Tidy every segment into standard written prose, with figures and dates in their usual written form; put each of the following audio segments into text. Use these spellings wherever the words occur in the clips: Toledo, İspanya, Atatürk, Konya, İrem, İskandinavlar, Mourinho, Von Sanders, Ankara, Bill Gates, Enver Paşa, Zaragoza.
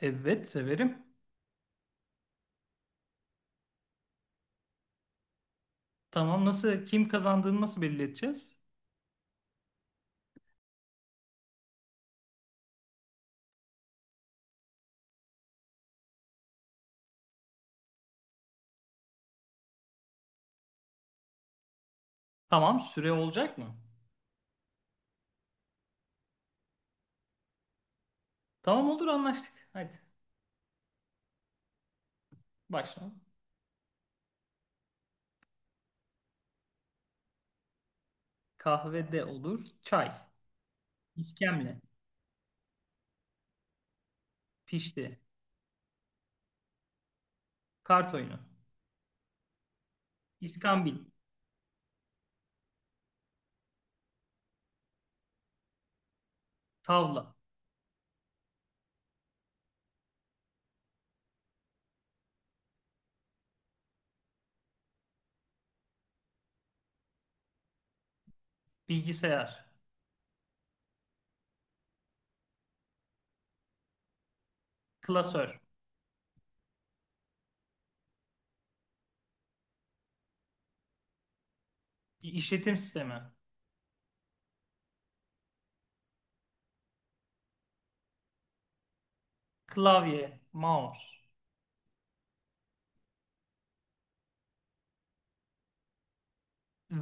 Evet, severim. Tamam, nasıl kim kazandığını nasıl belli? Tamam, süre olacak mı? Tamam, olur, anlaştık. Hadi başla. Kahve de olur. Çay. İskemle. Pişti. Kart oyunu. İskambil. Tavla. Bilgisayar. Klasör. İşletim sistemi. Klavye. Mouse.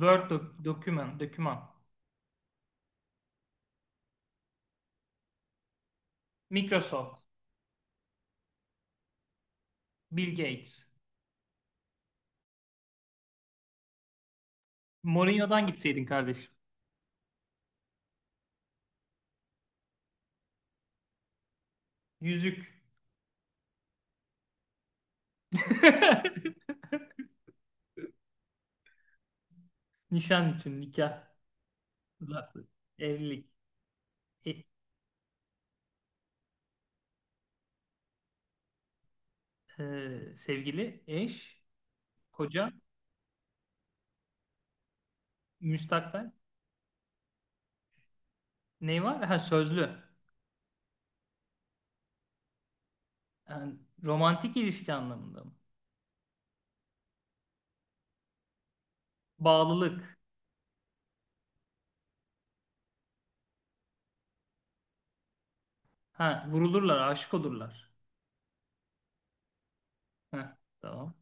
Doküman. Doküman. Microsoft. Bill Gates. Mourinho'dan gitseydin kardeş. Yüzük. Nişan için, nikah. Zaten evlilik, e- sevgili, eş, koca, müstakbel. Ne var? Ha, sözlü. Yani romantik ilişki anlamında mı? Bağlılık. Ha, vurulurlar, aşık olurlar. Ha, tamam.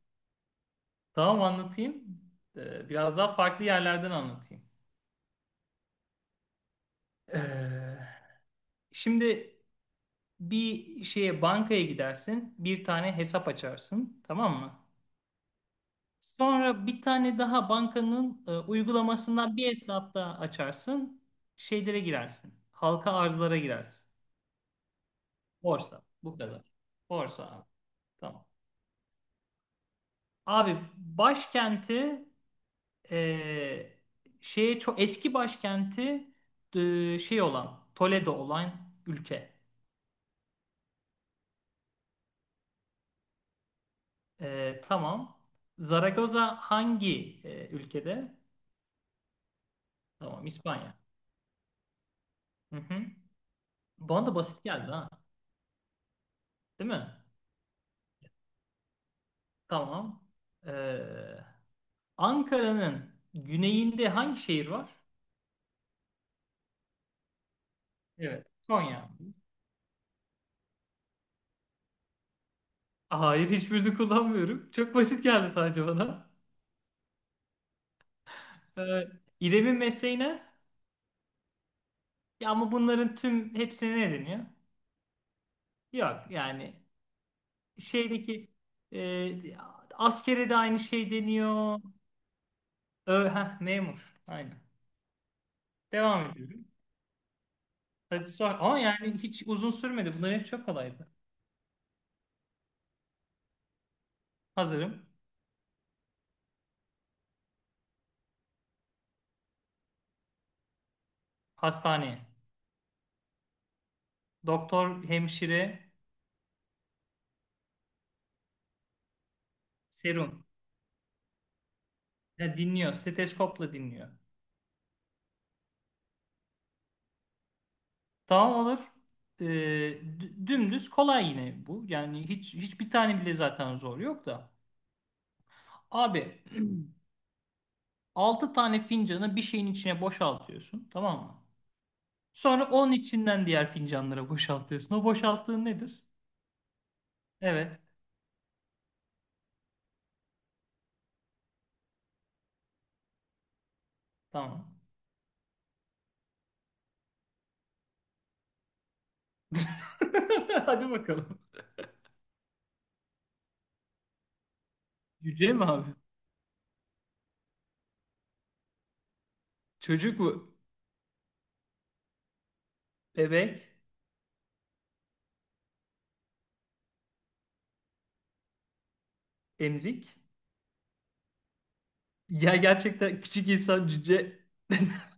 Tamam, anlatayım. Biraz daha farklı yerlerden anlatayım. Ee, Şimdi bir şeye, bankaya gidersin, bir tane hesap açarsın, tamam mı? Sonra bir tane daha bankanın uygulamasından bir hesap daha açarsın. Şeylere girersin. Halka arzlara girersin. Borsa. Bu kadar. Borsa abi. Tamam. Abi başkenti e, şeye, çok eski başkenti şey olan Toledo olan ülke. E, tamam. Zaragoza hangi ülkede? Tamam, İspanya. Hı hı. Bana da basit geldi, ha. Değil mi? Tamam. Ee, Ankara'nın güneyinde hangi şehir var? Evet. Konya. Hayır, hiçbirini kullanmıyorum. Çok basit geldi sadece bana. Ee, İrem'in mesleği ne? Ya ama bunların tüm hepsine ne deniyor? Yok yani şeydeki e, askere de aynı şey deniyor. Ö, heh, memur. Aynen. Devam ediyorum. Hadi sor. Ama yani hiç uzun sürmedi. Bunların hepsi çok kolaydı. Hazırım. Hastane. Doktor, hemşire, serum. Ya, dinliyor. Steteskopla dinliyor. Tamam, olur. Ee, dümdüz kolay yine bu. Yani hiçbir tane bile zaten zor yok da. Abi, 6 tane fincanı bir şeyin içine boşaltıyorsun. Tamam mı? Sonra onun içinden diğer fincanlara boşaltıyorsun. O boşalttığın nedir? Evet. Tamam. Hadi bakalım. Cüce mi abi? Çocuk mu? Bebek? Emzik? Ya gerçekten küçük insan cüce.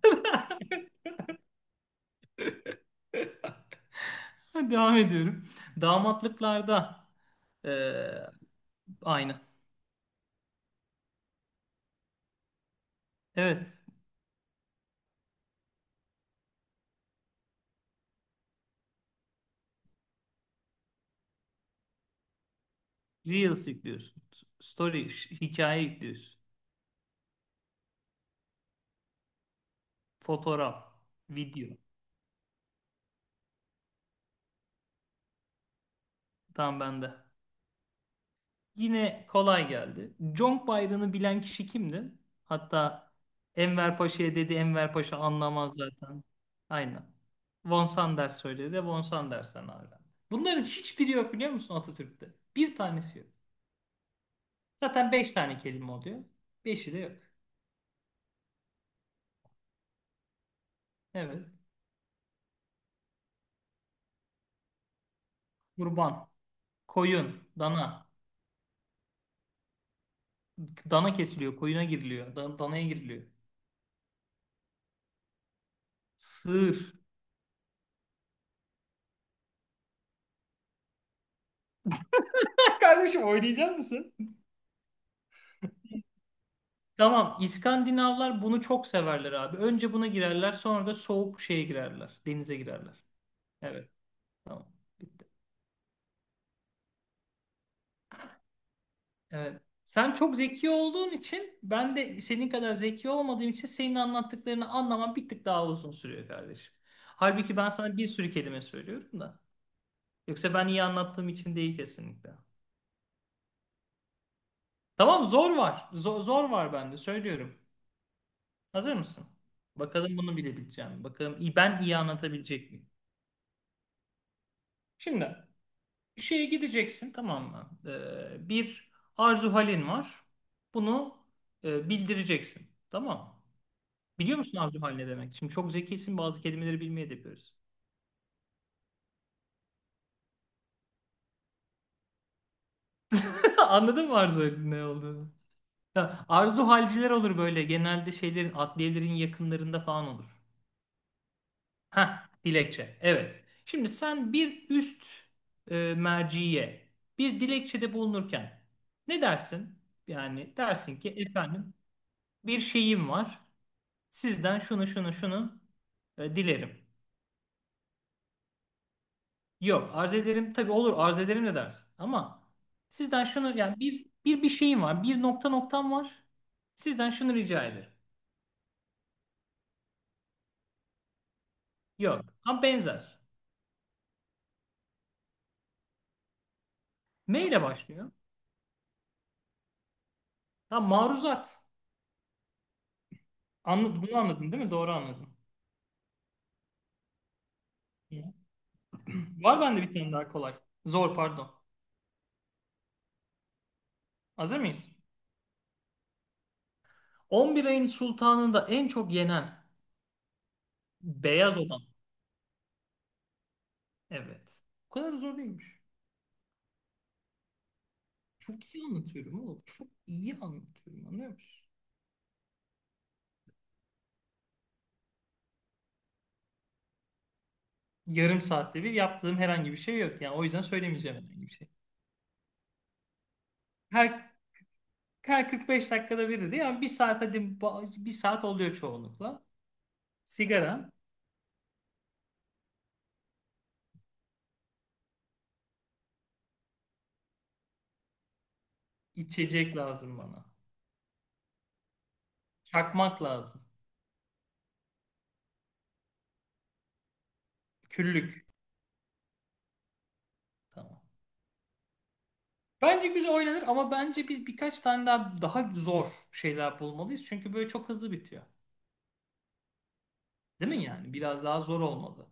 Devam ediyorum. Damatlıklarda eee, aynı. Evet. Reels yüklüyorsun. Hikaye yüklüyorsun. Fotoğraf, video. Tamam, bende. Yine kolay geldi. Conk bayrağını bilen kişi kimdi? Hatta Enver Paşa'ya dedi, Enver Paşa anlamaz zaten. Aynen. Von Sanders söyledi. Von Sanders'ten öğrendi. Bunların hiçbiri yok biliyor musun Atatürk'te? Bir tanesi yok. Zaten beş tane kelime oluyor. Beşi de yok. Evet. Kurban, koyun, dana. Dana kesiliyor, koyuna giriliyor, danaya giriliyor. Sığır. Kardeşim, oynayacak mısın? Tamam, İskandinavlar bunu çok severler abi. Önce buna girerler, sonra da soğuk şeye girerler, denize girerler. Evet, tamam. Bitti. Evet. Sen çok zeki olduğun için, ben de senin kadar zeki olmadığım için senin anlattıklarını anlamam bir tık daha uzun sürüyor kardeşim. Halbuki ben sana bir sürü kelime söylüyorum da. Yoksa ben iyi anlattığım için değil kesinlikle. Tamam, zor var. Zor, zor var, bende söylüyorum. Hazır mısın? Bakalım bunu bilebileceğim mi? Bakalım, iyi anlatabilecek miyim? Şimdi şeye gideceksin, tamam mı? Bir arzu halin var. Bunu bildireceksin. Tamam mı? Biliyor musun arzu hal ne demek? Şimdi çok zekisin, bazı kelimeleri bilmeye de yapıyoruz. Anladın mı arzu halin ne olduğunu? Ya, arzu halciler olur böyle. Genelde şeylerin, adliyelerin yakınlarında falan olur. Ha, dilekçe. Evet. Şimdi sen bir üst merciye bir dilekçede bulunurken ne dersin? Yani dersin ki, efendim, bir şeyim var. Sizden şunu şunu şunu dilerim. Yok, arz ederim tabii, olur arz ederim de dersin. Ama sizden şunu, yani bir şeyim var. Bir nokta noktam var. Sizden şunu rica ederim. Yok. Ama benzer. M ile başlıyor. Ha, maruzat. Anladın, bunu anladın değil mi? Doğru anladın. Hı. Var bende bir tane daha kolay. Zor, pardon. Hazır mıyız? 11 ayın sultanında en çok yenen beyaz olan. Evet. Bu kadar zor değilmiş. Çok iyi anlatıyorum oğlum. Çok iyi anlatıyorum, anlıyor musun? Yarım saatte bir yaptığım herhangi bir şey yok. Yani o yüzden söylemeyeceğim herhangi bir şey. Her, her 45 dakikada biri değil ama bir saat, hadi bir saat oluyor çoğunlukla. Sigara, içecek lazım bana. Çakmak lazım. Küllük. Tamam. Bence güzel oynanır ama bence biz birkaç tane daha zor şeyler bulmalıyız. Çünkü böyle çok hızlı bitiyor. Değil mi yani? Biraz daha zor olmalı.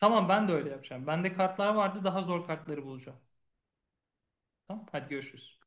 Tamam, ben de öyle yapacağım. Bende kartlar vardı. Daha zor kartları bulacağım. Tamam, hadi görüşürüz.